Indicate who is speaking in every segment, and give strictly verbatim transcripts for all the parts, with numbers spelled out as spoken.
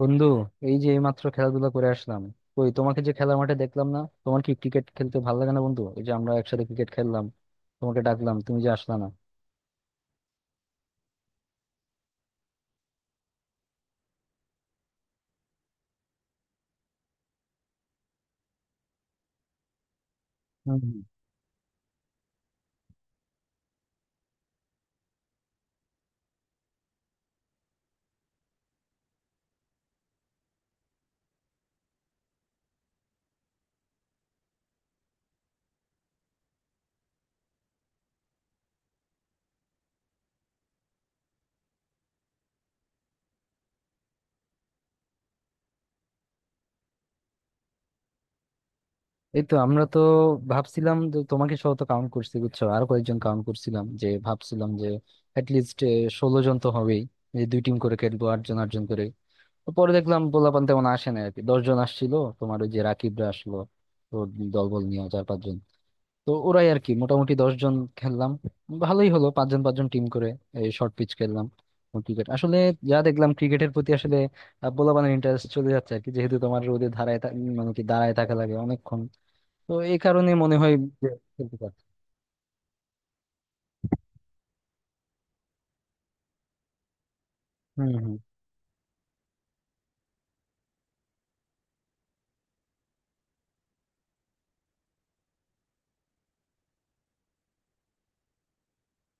Speaker 1: বন্ধু, এই যে এইমাত্র খেলাধুলা করে আসলাম। কই, তোমাকে যে খেলার মাঠে দেখলাম না। তোমার কি ক্রিকেট খেলতে ভালো লাগে না বন্ধু? এই যে আমরা একসাথে ক্রিকেট খেললাম, তোমাকে ডাকলাম, তুমি যে আসলা না। হুম, হুম। এই তো আমরা তো ভাবছিলাম যে তোমাকে সহ তো কাউন্ট করছি বুঝছো, আর কয়েকজন কাউন্ট করছিলাম, যে ভাবছিলাম যে অ্যাটলিস্ট ষোলো জন তো হবেই, যে দুই টিম করে খেলবো, আট জন আট জন করে। তো পরে দেখলাম পোলাপান তেমন আসে না আর কি, দশ জন আসছিল। তোমার ওই যে রাকিবরা আসলো তো দলবল নিয়ে চার পাঁচজন। তো ওরাই আর কি, মোটামুটি দশ জন খেললাম। ভালোই হলো, পাঁচজন পাঁচজন টিম করে এই শর্ট পিচ খেললাম। ক্রিকেট আসলে যা দেখলাম, ক্রিকেটের প্রতি আসলে আহ, পোলাপানের ইন্টারেস্ট চলে যাচ্ছে আর কি, যেহেতু তোমার রোদে ধারায় থা- মানে কি দাঁড়ায় থাকা লাগে অনেকক্ষণ, তো এই কারণে মনে হয় যে খেলতে পারছি। হম,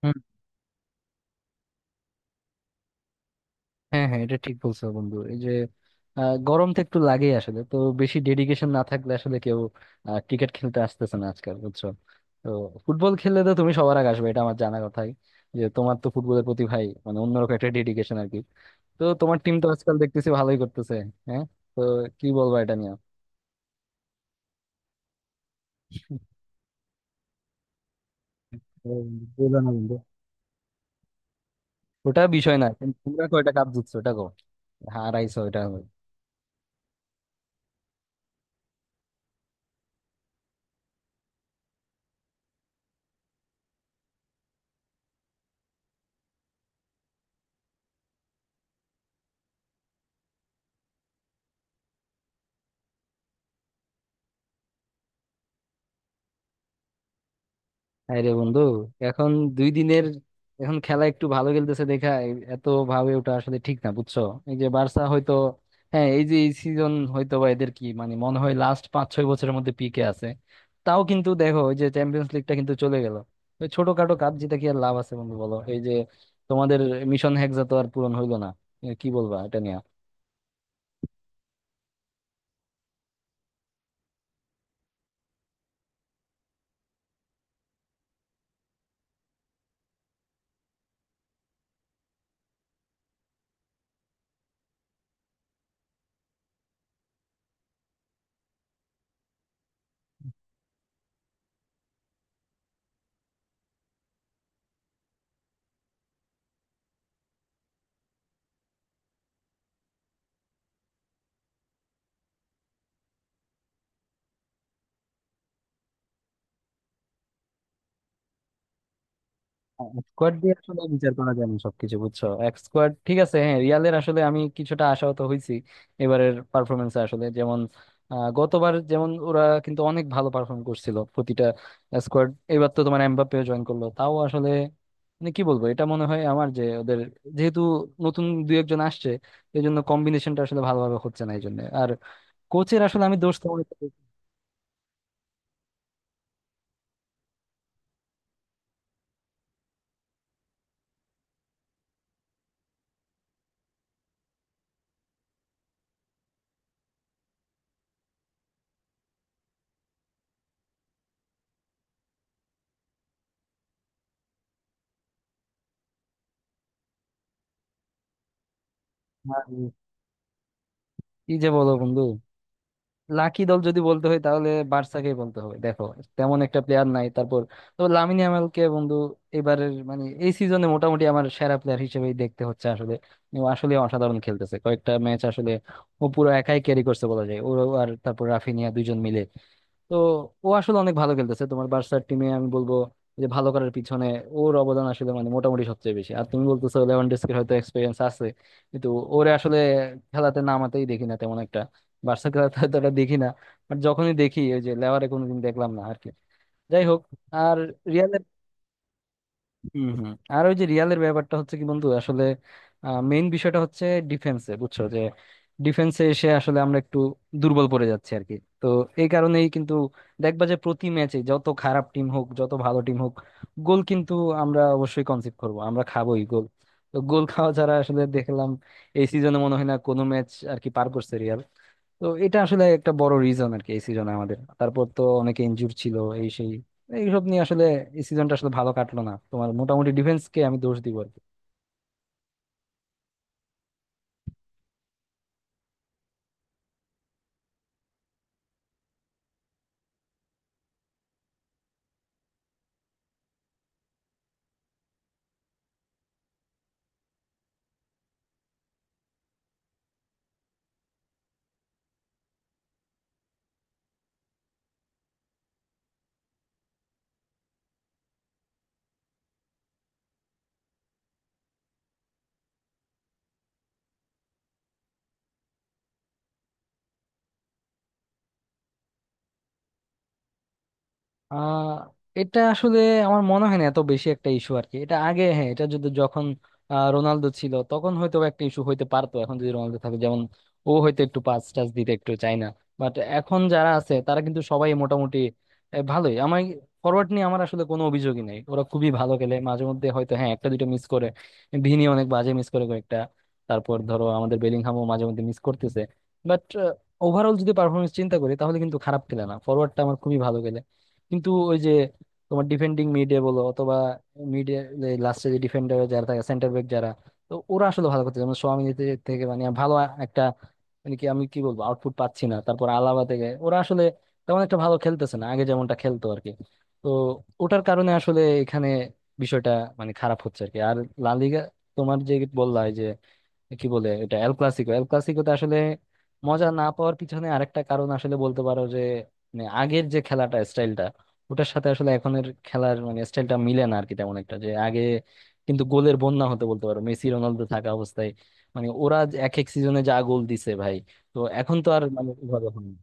Speaker 1: হম। হ্যাঁ, হ্যাঁ, এটা ঠিক বলছো বন্ধু। এই যে আহ, গরম তো একটু লাগেই আসলে। তো বেশি ডেডিকেশন না থাকলে আসলে কেউ ক্রিকেট খেলতে আসতেছে না আজকাল, বুঝছো। তো ফুটবল খেললে তো তুমি সবার আগে আসবে, এটা আমার জানা কথাই। যে তোমার তো ফুটবলের প্রতি ভাই মানে অন্যরকম একটা ডেডিকেশন আর কি। তো তোমার টিম তো আজকাল দেখতেছি ভালোই করতেছে। হ্যাঁ, তো কি বলবো এটা নিয়ে। ও বন্ধু, বলো না বন্ধু, ওটা বিষয় না। কিন্তু তোমরা কয়টা কাপ জিতছো, ওটা কো হারাইছো ওটা। হায় রে বন্ধু, এখন দুই দিনের, এখন খেলা একটু ভালো খেলতেছে দেখা এ- এত ভাবে ওটা আসলে ঠিক না, বুঝছো। এই যে বার্সা হয়তো, হ্যাঁ এই যে এই সিজন হয়তো বা এদের কি মানে মনে হয় লাস্ট পাঁচ ছয় বছরের মধ্যে পিকে আছে। তাও কিন্তু দেখো, ওই যে চ্যাম্পিয়ন্স লিগটা কিন্তু চলে গেল। ওই ছোটখাটো কাপ জিতে কি আর লাভ আছে বন্ধু, বলো। এই যে তোমাদের মিশন হেক্সা তো আর পূরণ হইলো না, এ, কি বলবা এটা নিয়ে। স্কোয়াড দিয়ে আসলে বিচার করা যায় না সবকিছু, বুঝছো। এক স্কোয়াড ঠিক আছে, হ্যাঁ রিয়ালের আসলে আমি কিছুটা আশাহত হয়েছি এবারের পারফরমেন্সে। আসলে যেমন আহ, গতবার যেমন ওরা কিন্তু অনেক ভালো পারফর্ম করছিল প্রতিটা স্কোয়াড। এবার তো তোমার এমবাপ্পেও জয়েন করলো, তাও আসলে মানে কি বলবো, এটা মনে হয় আমার যে ওদের যেহেতু নতুন দু একজন আসছে, এই জন্য কম্বিনেশনটা আসলে ভালোভাবে হচ্ছে না, এই জন্য আর কোচের আসলে আমি দোষ তেমন একটা দিচ্ছি না। আর কি যে বলো বন্ধু, লাকি দল যদি বলতে হয় তাহলে বার্সাকেই বলতে হবে। দেখো তেমন একটা প্লেয়ার নাই তারপর, তো লামিন ইয়ামালকে বন্ধু এবারের মানে এই সিজনে মোটামুটি আমার সেরা প্লেয়ার হিসেবেই দেখতে হচ্ছে আসলে। ও আসলে অসাধারণ খেলতেছে, কয়েকটা ম্যাচ আসলে ও পুরো একাই ক্যারি করছে বলা যায়। ও আর তারপর রাফিনিয়া দুইজন মিলে, তো ও আসলে অনেক ভালো খেলতেছে তোমার বার্সার টিমে। আমি বলবো যে ভালো করার পিছনে ওর অবদান আসলে মানে মোটামুটি সবচেয়ে বেশি। আর তুমি বলতেছো লেভানডস্কির হয়তো এক্সপিরিয়েন্স আছে, কিন্তু ওরে আসলে খেলাতে নামাতেই দেখি না তেমন একটা। বার্সা খেলাতে হয়তো ওটা দেখি না, বাট যখনই দেখি ওই যে লেভারে কোনোদিন দেখলাম না আর কি। যাই হোক, আর রিয়াল, হম, হম। আর ওই যে রিয়ালের ব্যাপারটা হচ্ছে কি বন্ধু, আসলে মেইন বিষয়টা হচ্ছে ডিফেন্সে, বুঝছো। যে ডিফেন্সে এসে আসলে আমরা একটু দুর্বল পড়ে যাচ্ছি আর কি। তো এই কারণেই কিন্তু দেখবা যে প্রতি ম্যাচে যত খারাপ টিম হোক যত ভালো টিম হোক, গোল কিন্তু আমরা অবশ্যই কনসিভ করব, আমরা খাবোই গোল। তো গোল খাওয়া ছাড়া আসলে দেখলাম এই সিজনে মনে হয় না কোনো ম্যাচ আর কি পার করছে রিয়াল। তো এটা আসলে একটা বড় রিজন আর কি এই সিজনে আমাদের, তারপর তো অনেকে ইনজুর ছিল, এই সেই এইসব নিয়ে আসলে এই সিজনটা আসলে ভালো কাটলো না। তোমার মোটামুটি ডিফেন্স কে আমি দোষ দিব। আহ এটা আসলে আমার মনে হয় না এত বেশি একটা ইস্যু আর কি। এটা আগে, হ্যাঁ এটা যদি যখন আহ, রোনালদো ছিল তখন হয়তো একটা ইস্যু হইতে পারতো। এখন যদি রোনালদো থাকে যেমন, ও হয়তো একটু পাস টাস দিতে একটু চায় না। বাট এখন যারা আছে তারা কিন্তু সবাই মোটামুটি আহ, ভালোই। আমার ফরওয়ার্ড নিয়ে আমার আসলে কোনো অভিযোগই নেই, ওরা খুবই ভালো খেলে। মাঝে মধ্যে হয়তো হ্যাঁ একটা দুটো মিস করে, ভিনি অনেক বাজে মিস করে কয়েকটা, তারপর ধরো আমাদের বেলিংহামও মাঝে মধ্যে মিস করতেছে। বাট ওভারঅল যদি পারফরমেন্স চিন্তা করি তাহলে কিন্তু খারাপ খেলে না, ফরওয়ার্ডটা আমার খুবই ভালো খেলে। কিন্তু ওই যে তোমার ডিফেন্ডিং মিডে বলো অথবা মিডে, লাস্টে যে ডিফেন্ডার যারা থাকে সেন্টার ব্যাক যারা, তো ওরা আসলে ভালো করতেছে মানে সোয়ামিনি থেকে মানে ভালো একটা মানে কি আমি কি বলবো, আউটপুট পাচ্ছি না। তারপর আলাবা থেকে ওরা আসলে তেমন একটা ভালো খেলতেছে না আগে যেমনটা খেলতো আর কি। তো ওটার কারণে আসলে এখানে বিষয়টা মানে খারাপ হচ্ছে আর কি। আর লা লিগা, তোমার যে বললা এই যে কি বলে এটা এল ক্লাসিকো, এল ক্লাসিকোতে আসলে মজা না পাওয়ার পিছনে আরেকটা কারণ আসলে বলতে পারো যে মানে আগের যে খেলাটা স্টাইলটা, ওটার সাথে আসলে এখনের খেলার মানে স্টাইলটা মিলে না আর কি তেমন একটা। যে আগে কিন্তু গোলের বন্যা হতে বলতে পারো মেসি রোনালদো থাকা অবস্থায়, মানে ওরা যে এক এক সিজনে যা গোল দিছে ভাই। তো এখন তো আর মানে ওভাবে হয় না।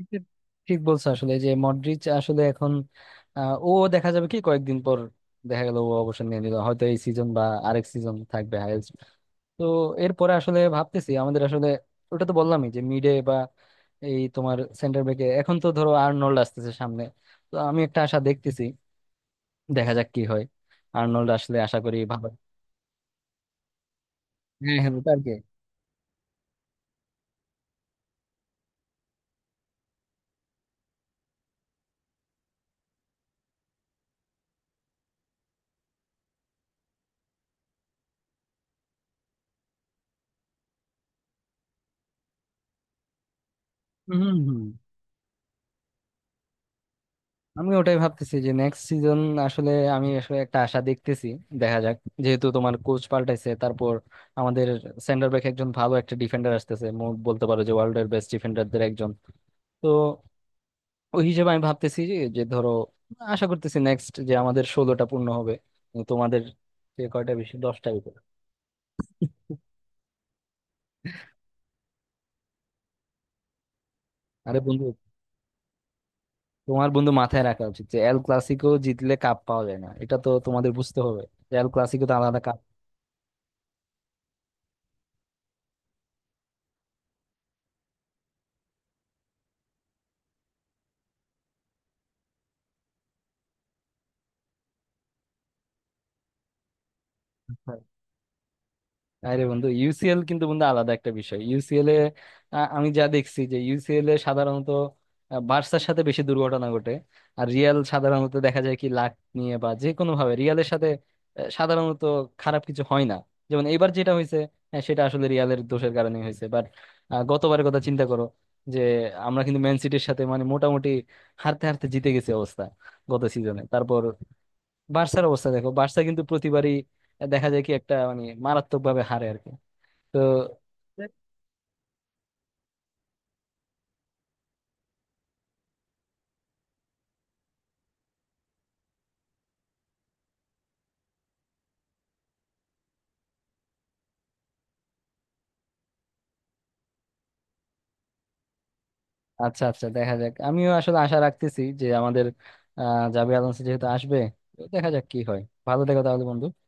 Speaker 1: এটা ঠিক বলছো আসলে যে মডরিচ আসলে এখন, আহ, ও দেখা যাবে কি কয়েকদিন পর। দেখা গেল ও অবসর নিয়ে নিল হয়তো এই সিজন বা আরেক সিজন থাকবে। তো এরপরে আসলে ভাবতেছি আমাদের আসলে, ওটা তো বললামই যে মিডে বা এই তোমার সেন্টার ব্যাকে এখন তো ধরো আর্নল্ড আসতেছে সামনে, তো আমি একটা আশা দেখতেছি। দেখা যাক কি হয়, আর্নল্ড আসলে আশা করি ভালো। হ্যাঁ, হ্যাঁ ওটা আর কি। হম, হম। আমি ওটাই ভাবতেছি যে নেক্সট সিজন আসলে আমি আসলে একটা আশা দেখতেছি। দেখা যাক, যেহেতু তোমার কোচ পাল্টাইছে, তারপর আমাদের সেন্টার ব্যাক একজন ভালো একটা ডিফেন্ডার আসতেছে মো- বলতে পারো যে ওয়ার্ল্ড এর বেস্ট ডিফেন্ডারদের একজন। তো ওই হিসেবে আমি ভাবতেছি যে যে ধরো আশা করতেছি নেক্সট যে আমাদের ষোলোটা পূর্ণ হবে। কিন্তু তোমাদের যে কয়টা বেশি দশটার উপরে। আরে বন্ধু, তোমার বন্ধু মাথায় রাখা উচিত যে এল ক্লাসিকো জিতলে কাপ পাওয়া যায় না, এটা তো তোমাদের বুঝতে হবে। যে এল ক্লাসিকো তো আলাদা কাপ। আরে বন্ধু, ইউসিএল কিন্তু বন্ধু আলাদা একটা বিষয়। ইউসিএল এ, আ, আমি যা দেখছি যে ইউসিএল এ সাধারণত আ, বার্সার সাথে বেশি দুর্ঘটনা ঘটে। আর রিয়াল সাধারণত দেখা যায় কি লাক নিয়ে বা যে কোনো ভাবে রিয়ালের সাথে আ, সাধারণত খারাপ কিছু হয় না। যেমন এইবার যেটা হয়েছে, হ্যাঁ সেটা আসলে রিয়ালের দোষের কারণে হয়েছে। বাট গতবারের কথা চিন্তা করো, যে আমরা কিন্তু ম্যান সিটির সাথে মানে মোটামুটি হারতে হারতে জিতে গেছে অবস্থা গত সিজনে। তারপর বার্সার অবস্থা দেখো, বার্সা কিন্তু প্রতিবারই দেখা যায় কি একটা মানে মারাত্মক ভাবে হারে আর কি। তো আচ্ছা, আচ্ছা, দেখা যাক। আমিও আসলে আশা রাখতেছি যে আমাদের আহ জাবির আলোনসো যেহেতু আসবে, তো দেখা যাক কি হয়। ভালো থেকো তাহলে বন্ধু।